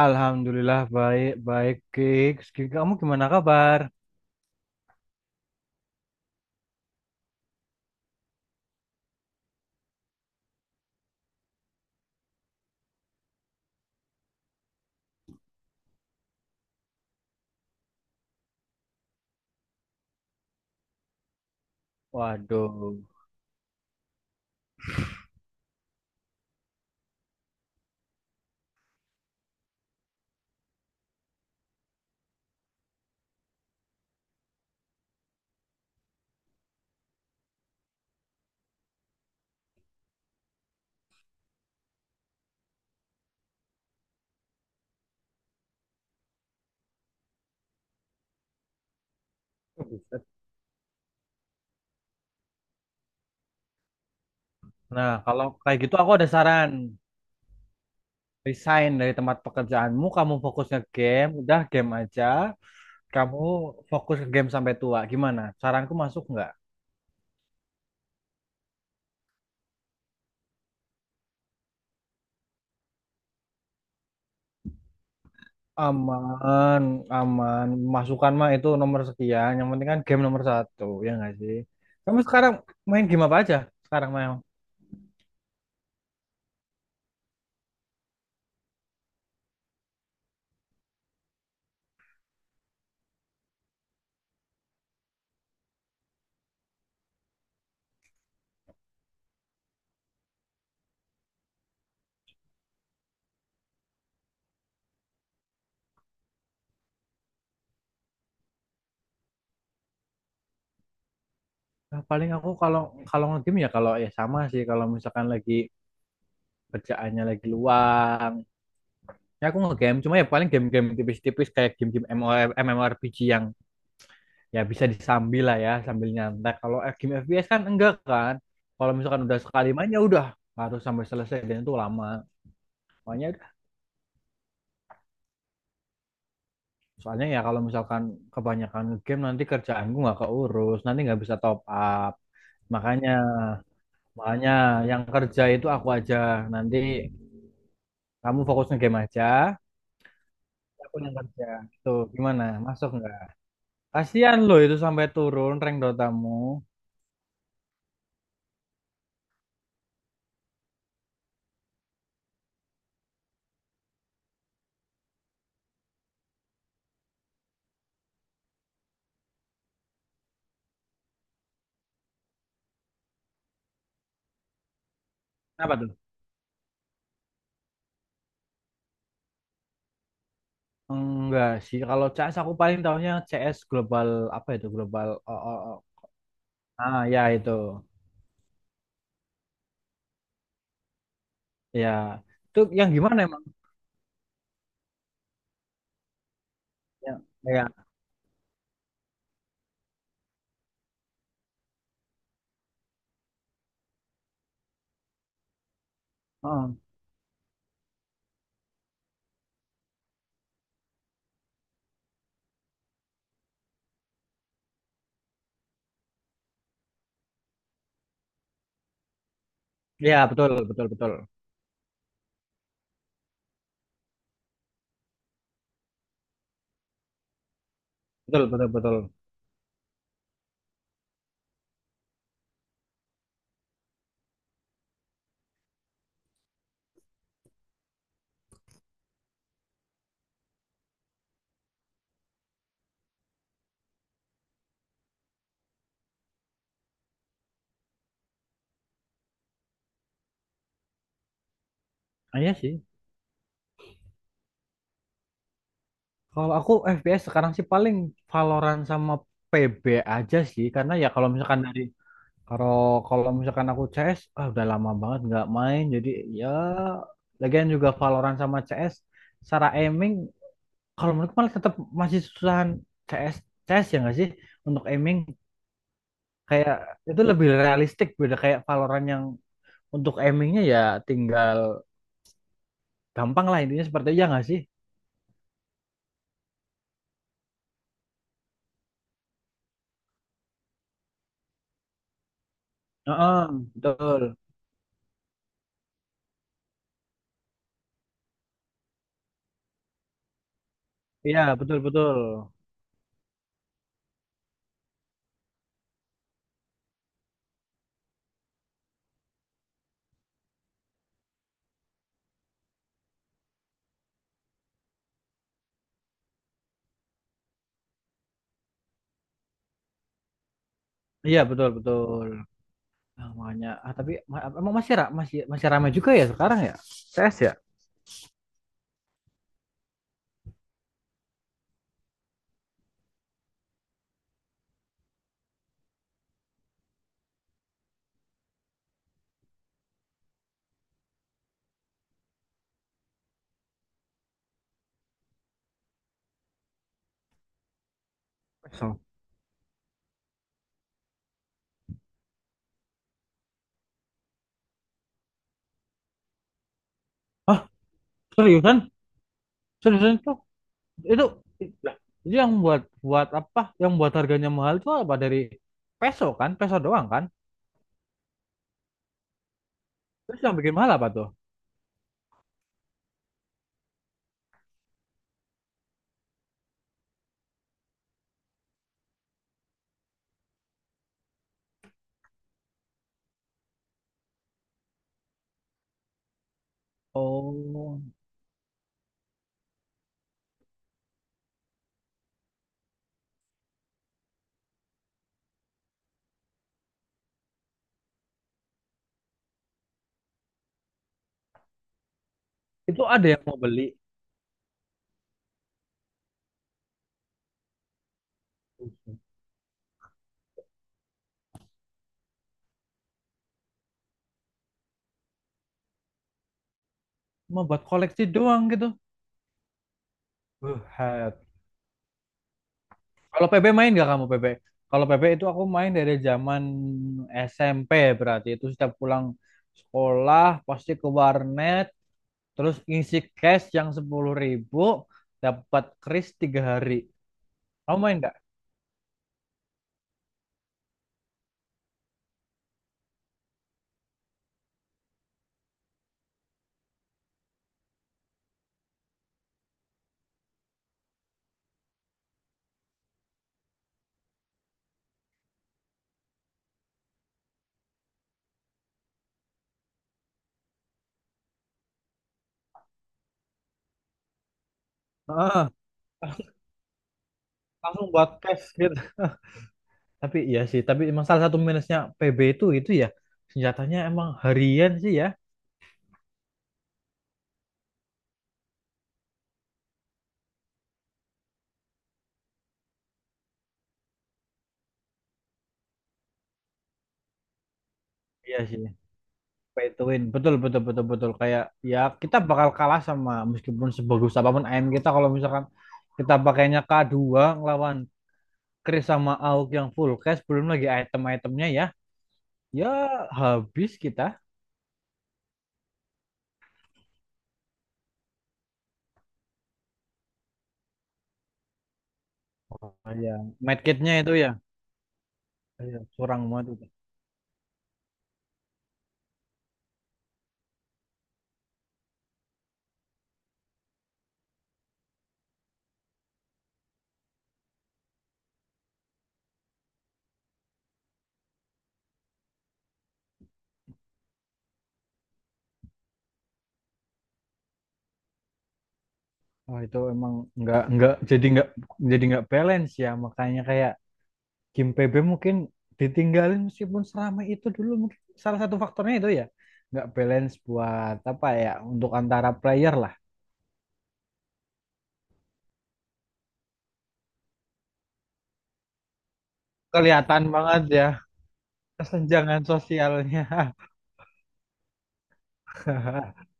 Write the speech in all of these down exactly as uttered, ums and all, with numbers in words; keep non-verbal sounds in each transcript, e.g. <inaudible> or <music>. Alhamdulillah baik baik, Gigs. Gi- Kamu gimana kabar? Waduh. Buset. Nah, kalau kayak gitu aku ada saran. Resign dari tempat pekerjaanmu, kamu fokus ke game, udah game aja. Kamu fokus ke game sampai tua. Gimana? Saranku masuk nggak? Aman, aman. Masukan mah itu nomor sekian. Yang penting kan game nomor satu, ya nggak sih? Kamu sekarang main game apa aja? Sekarang main. Nah, paling aku kalau kalau game, ya kalau ya sama sih, kalau misalkan lagi kerjaannya lagi luang ya aku nge-game. Cuma ya paling game-game tipis-tipis kayak game-game MMOR- MMORPG yang ya bisa disambil lah, ya sambil nyantai. Kalau eh, game F P S kan enggak kan, kalau misalkan udah sekali main ya udah harus sampai selesai dan itu lama. Makanya, soalnya ya kalau misalkan kebanyakan game nanti kerjaanku nggak keurus, nanti nggak bisa top up. Makanya, makanya yang kerja itu aku aja, nanti kamu fokus nge-game aja, aku yang kerja. Tuh gimana, masuk nggak? Kasihan loh itu, sampai turun rank Dotamu. Apa tuh? Enggak sih, kalau C S aku paling tahunya C S global. Apa itu global? Oh, oh, oh. Ah ya itu. Ya. Itu yang gimana emang? Ya. Ya. Oh. Ya, betul betul betul. Betul betul betul. Ah, iya sih. Kalau aku F P S sekarang sih paling Valorant sama P B aja sih, karena ya kalau misalkan dari, Kalau kalau misalkan aku C S, ah udah lama banget nggak main. Jadi ya, lagian juga Valorant sama C S, secara aiming, kalau menurutku malah tetap masih susahan C S. C S ya nggak sih? Untuk aiming kayak itu lebih realistik, beda kayak Valorant yang untuk aimingnya ya tinggal gampang lah, intinya seperti itu, ya nggak sih? Heeh, betul. Iya betul betul. Iya betul betul. Nah, makanya, ah tapi ma- emang masih ra- masih masih ramai juga ya sekarang ya? C S ya? So. Seriusan? Seriusan, itu itu lah. Itu yang buat buat apa? Yang buat harganya mahal itu apa, dari peso kan? Peso doang kan? Terus yang bikin mahal apa tuh? Oh, itu ada yang mau beli, mau buat koleksi doang gitu. Buset. Kalau P B main nggak kamu, P B? Kalau PB itu aku main dari zaman S M P. Berarti itu setiap pulang sekolah pasti ke warnet, terus ngisi cash yang sepuluh ribu dapat kris tiga hari. Kamu main nggak? Heeh, langsung buat cash gitu. <laughs> Tapi iya sih, tapi emang salah satu minusnya P B itu, itu ya senjatanya emang harian sih ya. Iya sih, pay to win. Betul betul betul betul, kayak ya kita bakal kalah sama, meskipun sebagus apapun A M kita, kalau misalkan kita pakainya k dua, ngelawan Chris sama A U K yang full cash, belum lagi item-itemnya ya. Ya habis kita. Oh, iya, medkitnya itu ya. Iya, kurang banget itu. Oh, itu emang nggak nggak jadi nggak jadi nggak balance ya, makanya kayak Kim P B mungkin ditinggalin. Meskipun seramai itu dulu, mungkin salah satu faktornya itu ya nggak balance, buat apa ya, untuk antara player lah. Kelihatan banget ya kesenjangan sosialnya. <laughs>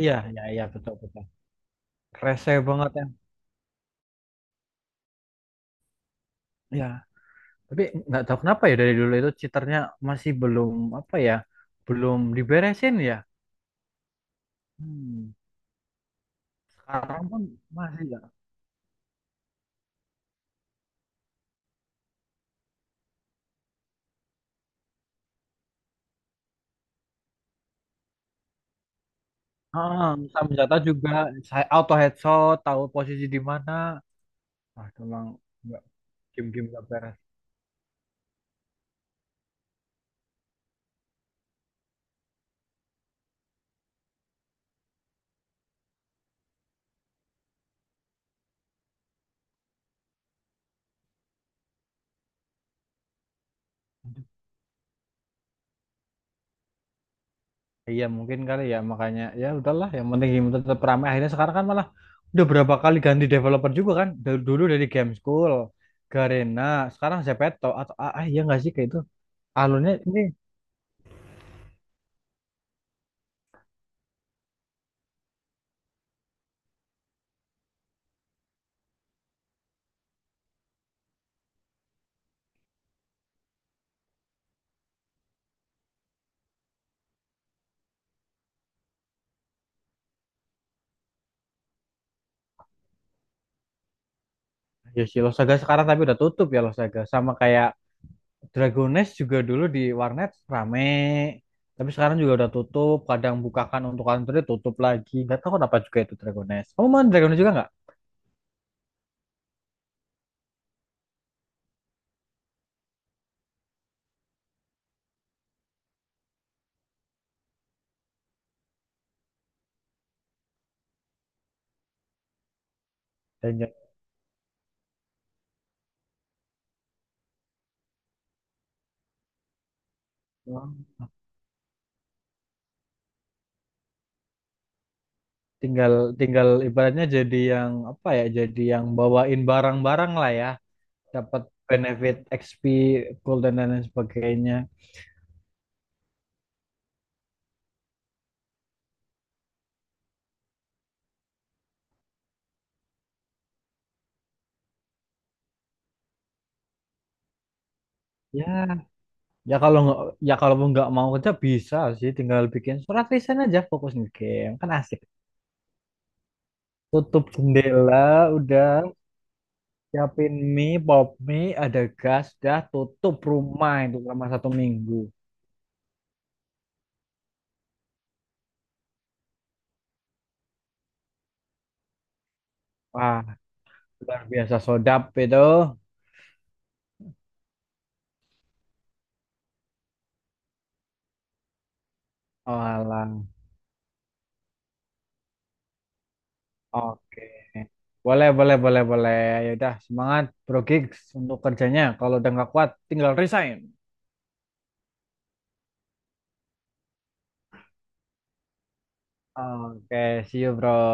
iya iya iya, betul betul, rese banget ya. Iya, tapi nggak tahu kenapa ya dari dulu itu cheaternya masih belum, apa ya, belum diberesin ya. Hmm. Sekarang pun masih ya. Ah, sama senjata juga, saya auto headshot tahu posisi di mana. Wah, itu emang, game-game gak beres. Iya mungkin kali ya, makanya ya udahlah, yang penting game tetap ramai. Akhirnya sekarang kan malah udah berapa kali ganti developer juga kan. Dari dulu, dari Game School, Garena, sekarang Zepeto atau ah ah, iya nggak sih kayak itu. Alurnya ini, ya sih Losaga sekarang tapi udah tutup ya Losaga. Sama kayak Dragones juga dulu di warnet rame. Tapi sekarang juga udah tutup. Kadang bukakan untuk Android tutup lagi, nggak tahu kenapa juga itu Dragones. Kamu main Dragones juga nggak? Dan tinggal tinggal ibaratnya jadi yang apa ya, jadi yang bawain barang-barang lah ya, dapat benefit X P, gold dan lain sebagainya. Ya ya kalau nggak, ya kalau mau nggak mau kerja, bisa sih, tinggal bikin surat lisan aja, fokus di game kan asik. Tutup jendela, udah siapin mie, pop mie, ada gas, dah tutup rumah itu selama satu minggu. Wah luar biasa sodap itu. Alah. Oke. Boleh, boleh, boleh, boleh. Ya udah, semangat Bro Gigs untuk kerjanya. Kalau udah nggak kuat, tinggal resign. Oke, see you, Bro.